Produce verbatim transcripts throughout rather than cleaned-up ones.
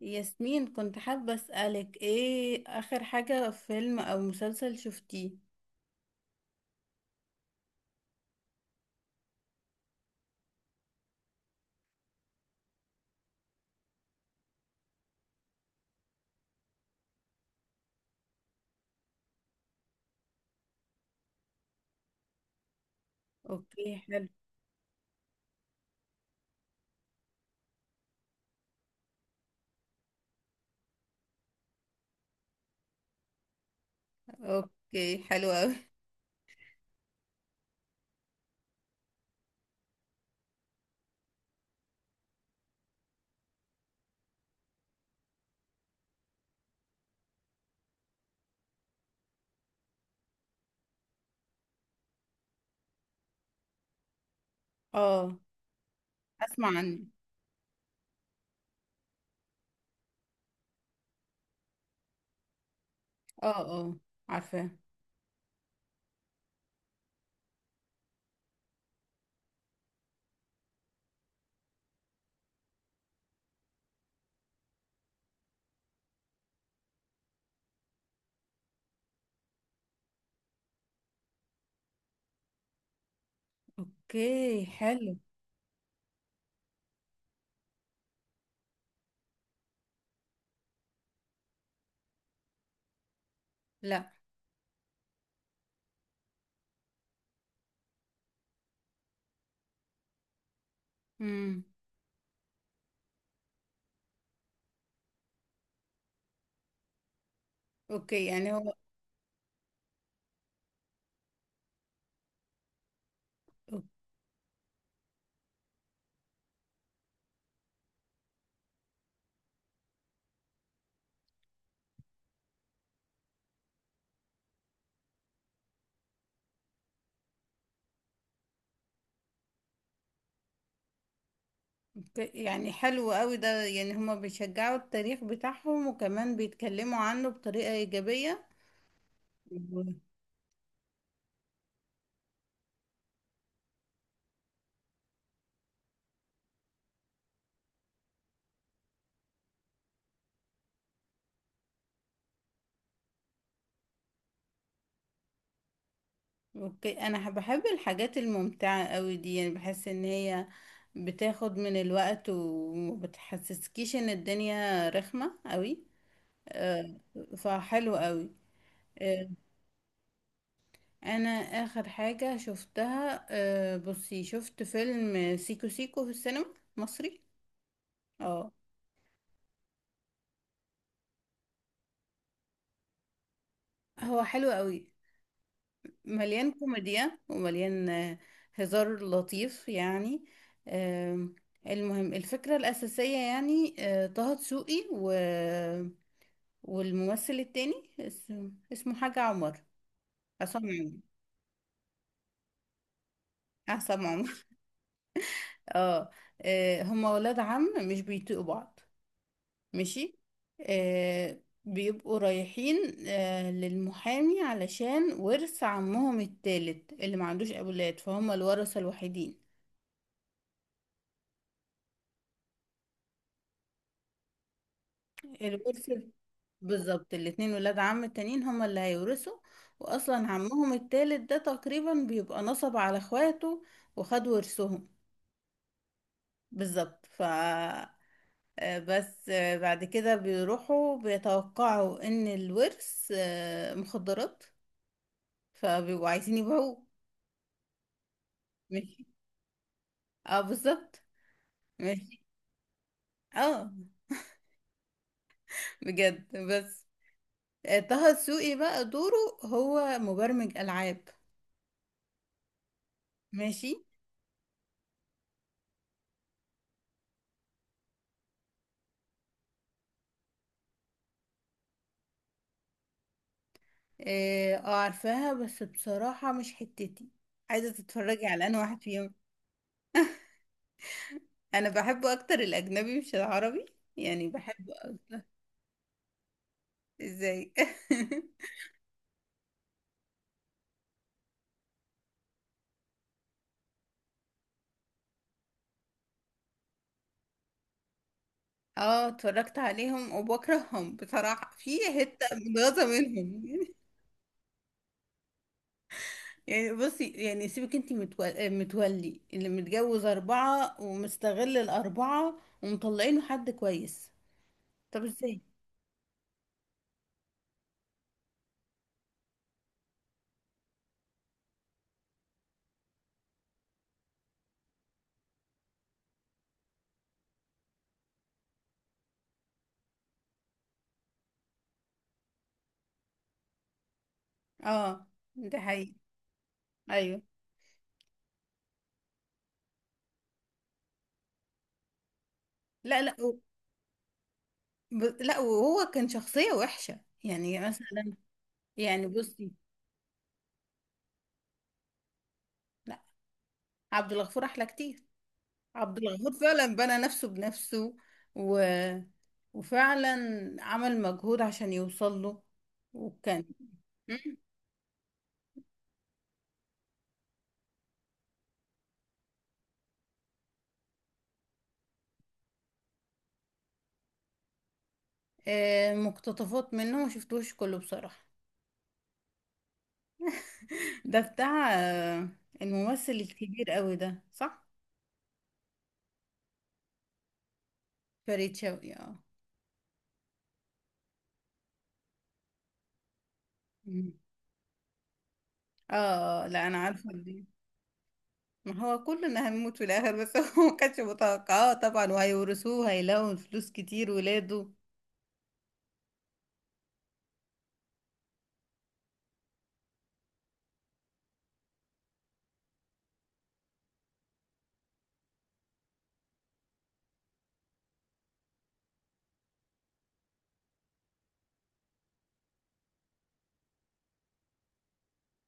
ياسمين، كنت حابة أسألك ايه آخر حاجة، فيلم أو مسلسل شفتيه؟ اوكي، حلو. اوكي، حلو اوي. اه. اسمع عنه. اه، اه. عارفاه. اوكي، حلو. لا. امم. اوكي يعني هو... اوكي، يعني حلو قوي ده، يعني هما بيشجعوا التاريخ بتاعهم وكمان بيتكلموا عنه بطريقة إيجابية. اوكي، انا ح- بحب الحاجات الممتعة قوي دي، يعني بحس ان هي بتاخد من الوقت ومبتحسسكيش ان الدنيا رخمة قوي. آه. فحلو قوي. آه، انا اخر حاجة شفتها، آه، بصي شفت فيلم سيكو سيكو في السينما. مصري. اه. هو حلو قوي، مليان كوميديا ومليان آه، هزار لطيف يعني. آم، المهم الفكرة الأساسية، يعني آه، طه دسوقي و... والممثل التاني، اسمه اسمه حاجة عمر. عصام عمر. عصام عمر. اه. آه، هما ولاد عم مش بيطيقوا بعض. ماشي. آه، بيبقوا رايحين آه، للمحامي علشان ورث عمهم التالت اللي ما عندوش أولاد، فهم الورثة الوحيدين. الورث. بالظبط، الاتنين ولاد عم التانيين هما اللي هيورثوا. واصلا عمهم التالت ده تقريبا بيبقى نصب على اخواته وخد ورثهم. بالظبط. ف آه، بس آه، بعد كده بيروحوا بيتوقعوا ان الورث آه، مخدرات، فبيبقوا عايزين يبيعوه. ماشي. اه، بالظبط. ماشي. اه بجد بس آه، طه دسوقي بقى دوره، هو مبرمج العاب. ماشي. اه. آه، عارفاها، بس بصراحة مش حتتي عايزة تتفرجي على انا واحد فيهم. انا بحبه اكتر الاجنبي مش العربي، يعني بحبه اكتر. ازاي؟ اه، اتفرجت عليهم وبكرههم بصراحة، في حتة متغاظة منهم. يعني بصي، يعني سيبك، انتي متول- متولي اللي متجوز اربعة ومستغل الاربعة ومطلعينه حد كويس. طب ازاي؟ اه ده حقيقي. ايوه. لا، لا. ب... لا، وهو كان شخصية وحشة يعني مثلا. يعني بصي. لا. عبد الغفور أحلى كتير. عبد الغفور فعلا بنى نفسه بنفسه، و... وفعلا عمل مجهود عشان يوصل له. وكان... مم. آه، مقتطفات منه، ما شفتوش كله بصراحة. ده بتاع آه، الممثل الكبير قوي ده، صح؟ فريد شوقي، اه. مم. اه، لا انا عارفه. ما هو كلنا هنموت في الاخر، بس هو ما كانش متوقعاه طبعا، وهيورثوه هيلاقوا فلوس كتير ولاده.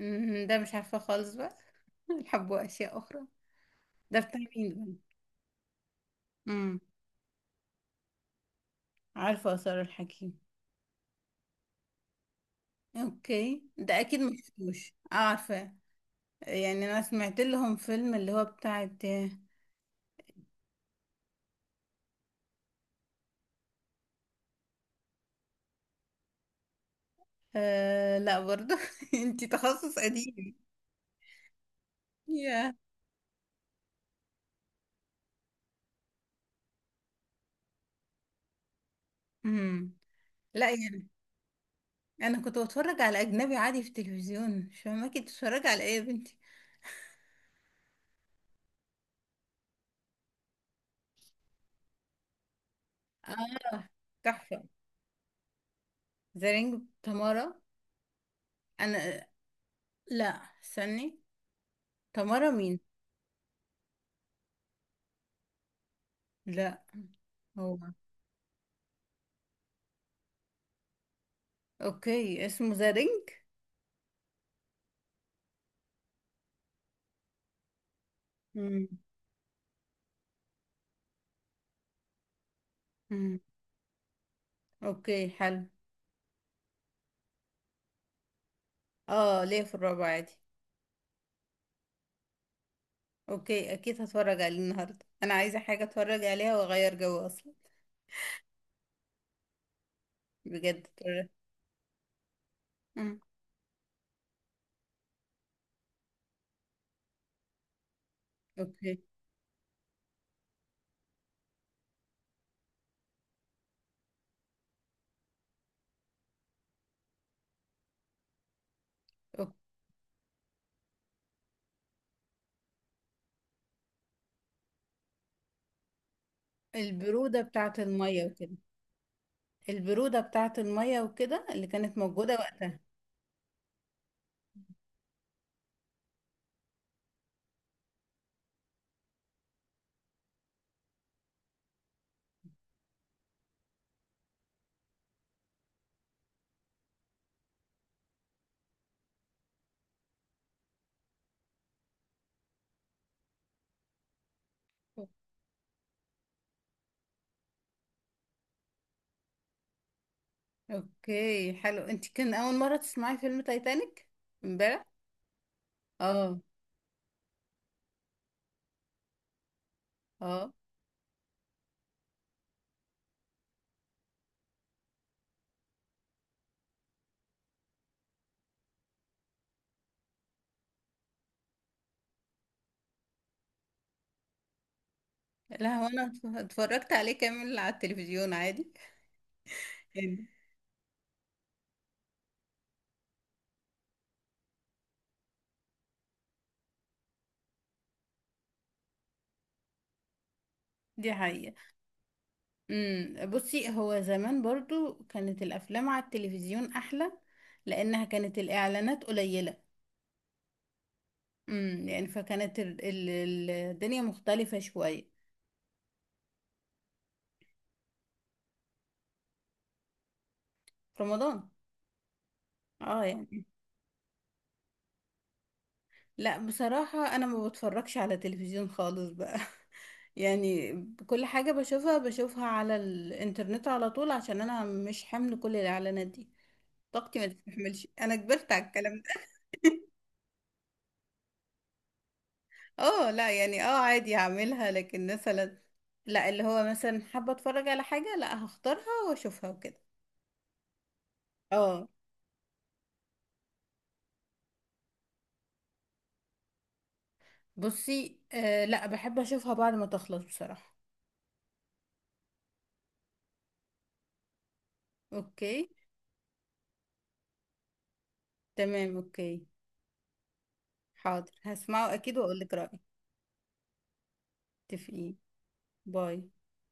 أمم، ده مش عارفه خالص بقى. الحبوا اشياء اخرى؟ ده بتاع مين ده؟ امم. عارفه اثار الحكيم. اوكي، ده اكيد ما شفتوش. آه، عارفه. يعني انا سمعت لهم فيلم اللي هو بتاع... آه لا برضه. انتي تخصص قديم. يا... امم. لا يعني، انا كنت بتفرج على اجنبي عادي في التلفزيون، مش فاهمه كنت بتتفرجي على ايه يا بنتي؟ تحفة. ذا رينج، تمارا. انا... لا. استني. تمارا مين؟ لا. هو... اوكي، اسمه ذا رينج. مم. مم. اوكي، حلو. اه، ليه في الرابع عادي. اوكي، اكيد هتفرج عليه النهارده، انا عايزة حاجة اتفرج عليها واغير جو اصلا. بجد اتفرج. مم. اوكي. اوكي. البرودة بتاعة المية وكده. البرودة بتاعة المية وكده اللي كانت موجودة وقتها. اوكي، حلو. انت كان اول مرة تسمعي فيلم تايتانيك امبارح؟ اه. اه، لا هو، انا اتف- اتفرجت عليه كامل على التلفزيون عادي. يعني. دي حقيقة. امم. بصي، هو زمان برضو كانت الافلام على التلفزيون احلى، لانها كانت الاعلانات قليلة. امم، يعني فكانت ال- ال- ال- الدنيا مختلفة شوية. في رمضان. اه يعني. لا، بصراحة انا ما بتفرجش على تلفزيون خالص بقى. يعني كل حاجة بشوفها بشوفها على الانترنت على طول، عشان انا مش حمل كل الاعلانات دي. طاقتي ما تستحملش، انا كبرت على الكلام ده. اه، لا يعني اه عادي هعملها، لكن مثلا... لا، اللي هو مثلا حابة اتفرج على حاجة، لا هختارها واشوفها وكده. اه. بصي، آه لا بحب اشوفها بعد ما تخلص بصراحة. اوكي. تمام، اوكي. حاضر، هسمعه اكيد واقول لك رأيي. اتفقين. باي.